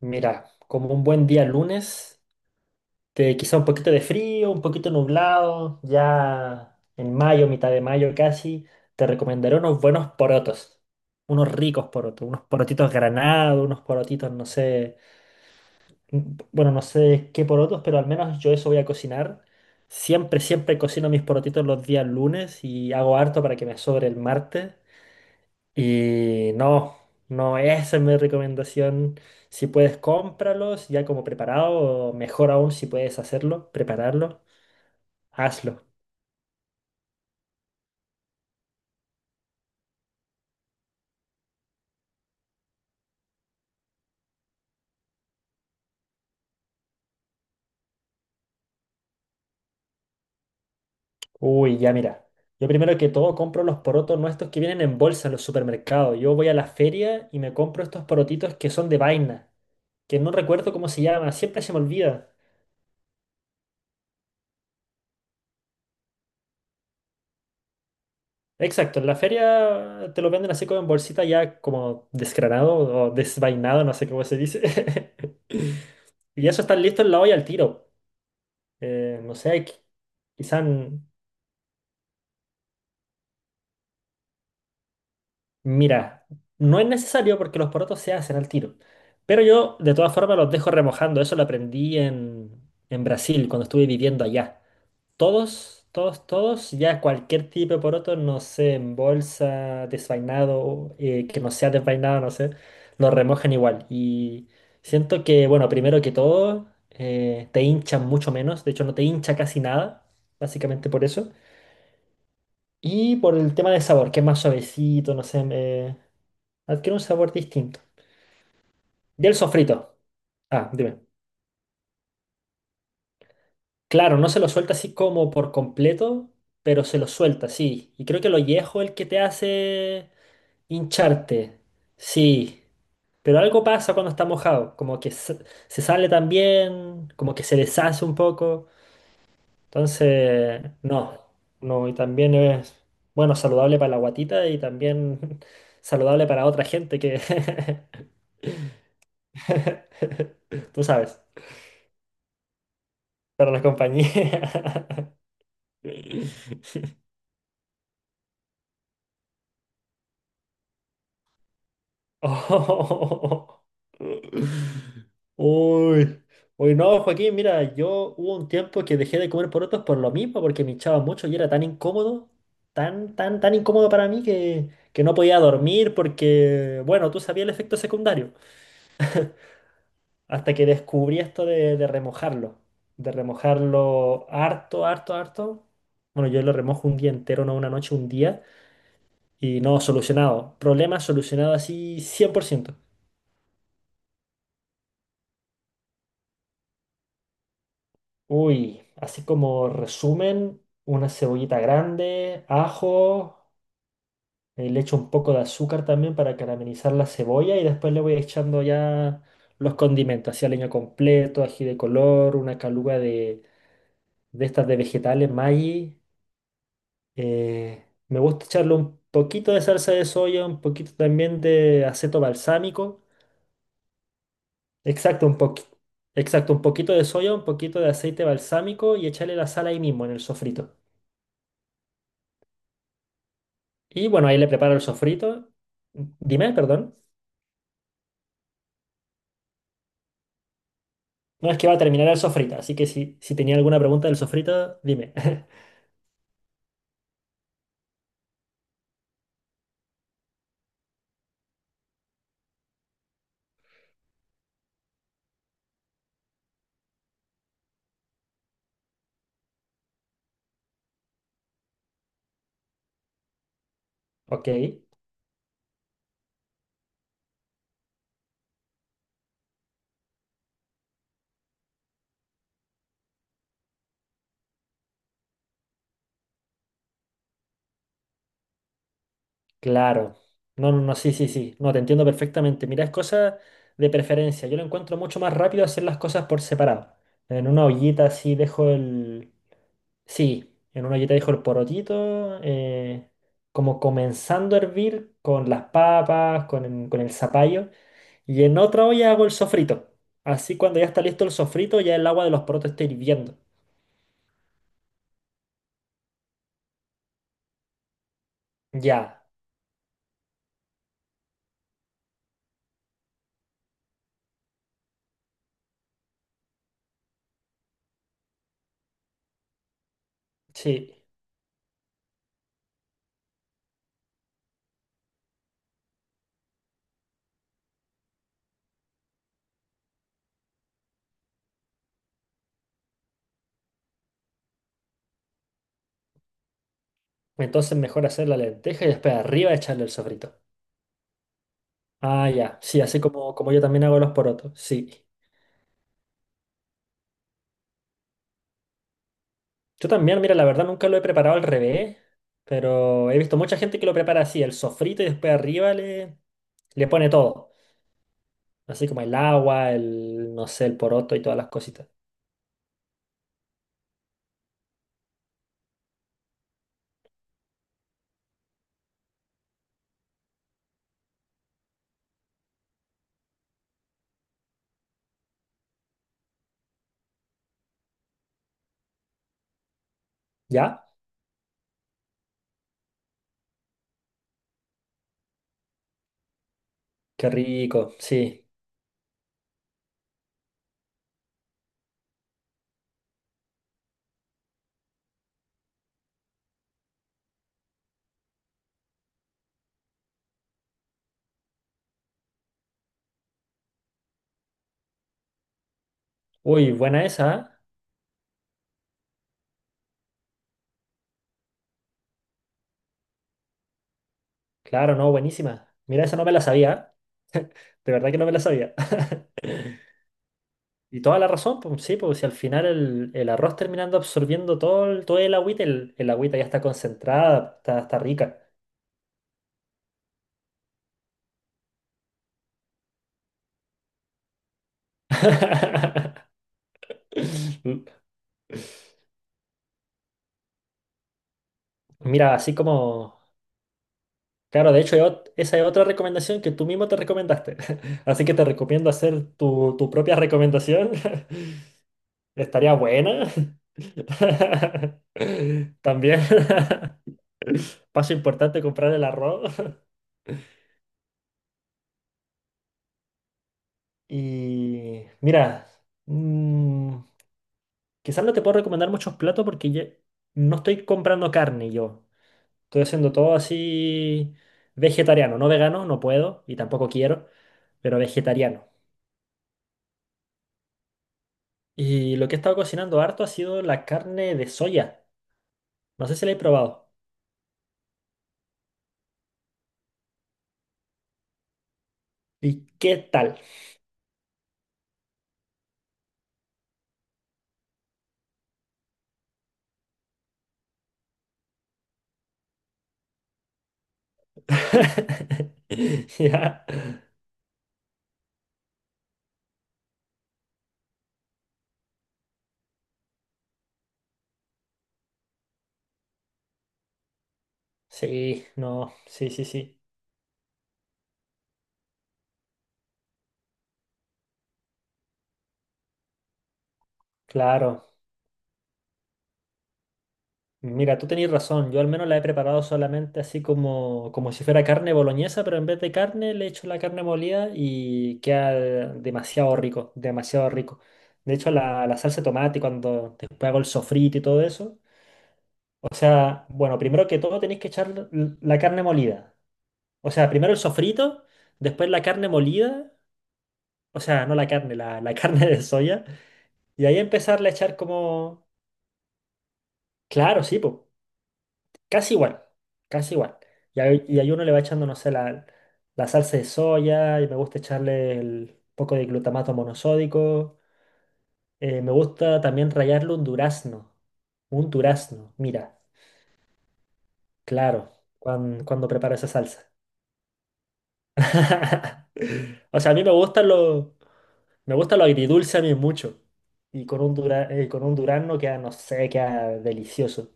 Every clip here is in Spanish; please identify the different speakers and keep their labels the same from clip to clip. Speaker 1: Mira, como un buen día lunes, de quizá un poquito de frío, un poquito nublado, ya en mayo, mitad de mayo casi, te recomendaré unos buenos porotos, unos ricos porotos, unos porotitos granados, unos porotitos, no sé, bueno, no sé qué porotos, pero al menos yo eso voy a cocinar. Siempre, siempre cocino mis porotitos los días lunes y hago harto para que me sobre el martes. Y no, no, esa es mi recomendación. Si puedes, cómpralos ya como preparado, o mejor aún si puedes hacerlo, prepararlo, hazlo. Uy, ya mira. Yo primero que todo compro los porotos nuestros que vienen en bolsa en los supermercados. Yo voy a la feria y me compro estos porotitos que son de vaina, que no recuerdo cómo se llama, siempre se me olvida. Exacto, en la feria te lo venden así como en bolsita ya como desgranado o desvainado, no sé cómo se dice. Y eso está listo en la olla al tiro. No sé, quizá, mira, no es necesario porque los porotos se hacen al tiro. Pero yo, de todas formas, los dejo remojando. Eso lo aprendí en Brasil, cuando estuve viviendo allá. Todos, todos, todos, ya cualquier tipo de poroto, no sé, en bolsa, desvainado, que no sea desvainado, no sé, los remojan igual. Y siento que, bueno, primero que todo, te hinchan mucho menos. De hecho, no te hincha casi nada, básicamente por eso. Y por el tema de sabor, que es más suavecito, no sé, adquiere un sabor distinto. Y el sofrito. Ah, dime. Claro, no se lo suelta así como por completo, pero se lo suelta, sí. Y creo que lo viejo es el que te hace hincharte. Sí. Pero algo pasa cuando está mojado, como que se sale también, como que se deshace un poco. Entonces, no, no, y también es, bueno, saludable para la guatita y también saludable para otra gente que... Tú sabes, para la compañía. Oh. Uy. Uy, no, Joaquín, mira, yo hubo un tiempo que dejé de comer porotos por lo mismo, porque me hinchaba mucho y era tan incómodo, tan, tan, tan incómodo para mí que no podía dormir porque, bueno, tú sabías el efecto secundario. Hasta que descubrí esto de remojarlo harto, harto, harto. Bueno, yo lo remojo un día entero, no una noche, un día. Y no, solucionado. Problema solucionado así cien por ciento. Uy, así como resumen, una cebollita grande, ajo, le echo un poco de azúcar también para caramelizar la cebolla y después le voy echando ya los condimentos, así leño completo, ají de color, una caluga de estas de vegetales, Maggi. Me gusta echarle un poquito de salsa de soya, un poquito también de aceto balsámico. Exacto, exacto, un poquito de soya, un poquito de aceite balsámico y echarle la sal ahí mismo en el sofrito. Y bueno, ahí le preparo el sofrito. Dime, perdón. No es que va a terminar el sofrito, así que si tenía alguna pregunta del sofrito, dime. Ok, claro. No, no, no, sí, sí, sí. No, te entiendo perfectamente. Mira, es cosa de preferencia. Yo lo encuentro mucho más rápido hacer las cosas por separado. En una ollita así dejo el, sí, en una ollita dejo el porotito, como comenzando a hervir con las papas, con el zapallo. Y en otra olla hago el sofrito. Así cuando ya está listo el sofrito, ya el agua de los porotos está hirviendo. Ya, sí. Entonces mejor hacer la lenteja y después arriba echarle el sofrito. Ah, ya, sí, así como, como yo también hago los porotos, sí. Yo también, mira, la verdad nunca lo he preparado al revés, pero he visto mucha gente que lo prepara así, el sofrito y después arriba le, le pone todo. Así como el agua, el, no sé, el poroto y todas las cositas. ¿Ya? Qué rico, sí. Uy, buena esa, ¿eh? Claro, no, buenísima. Mira, esa no me la sabía, ¿ah? De verdad que no me la sabía. Y toda la razón, pues sí, porque si al final el arroz terminando absorbiendo todo el agüita ya está concentrada, está, está rica. Mira, así como... Claro, de hecho, hay esa es otra recomendación que tú mismo te recomendaste. Así que te recomiendo hacer tu, tu propia recomendación. Estaría buena. También. Paso importante comprar el arroz. Y mira, mm, quizás no te puedo recomendar muchos platos no estoy comprando carne yo. Estoy haciendo todo así vegetariano, no vegano, no puedo y tampoco quiero, pero vegetariano. Y lo que he estado cocinando harto ha sido la carne de soya. No sé si la he probado. ¿Y qué tal? Ya. Sí, no, sí, sí, sí, claro. Mira, tú tenías razón, yo al menos la he preparado solamente así como, como si fuera carne boloñesa, pero en vez de carne le echo la carne molida y queda demasiado rico, demasiado rico. De hecho, la salsa de tomate, cuando después hago el sofrito y todo eso, o sea, bueno, primero que todo tenéis que echar la carne molida. O sea, primero el sofrito, después la carne molida, o sea, no la carne, la carne de soya, y ahí empezarle a echar como... Claro, sí, pues. Casi igual, casi igual. Y ahí uno le va echando, no sé, la salsa de soya, y me gusta echarle el poco de glutamato monosódico. Me gusta también rallarle un durazno. Un durazno, mira, claro, cuando preparo esa salsa. O sea, a mí me gusta lo agridulce a mí mucho. Y con un con un durazno queda, no sé, queda delicioso.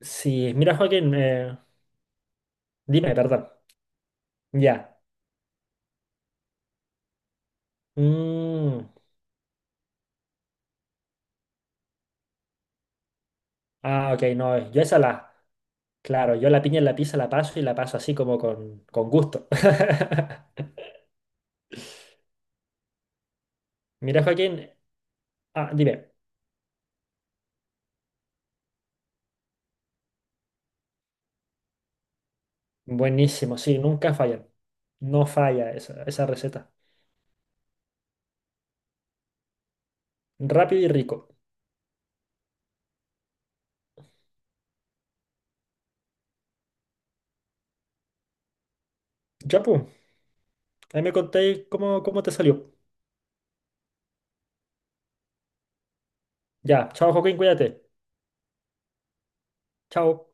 Speaker 1: Sí, mira, Joaquín, dime, perdón. Ya. Mm. Ah, ok, no, yo esa la, claro, yo la piña en la pizza la paso y la paso así como con gusto. Mira, Joaquín, ah, dime, buenísimo, sí, nunca falla, no falla esa, esa receta. Rápido y rico. Ya, pues, ahí me contéis cómo, cómo te salió. Ya, chao, Joaquín, cuídate. Chao.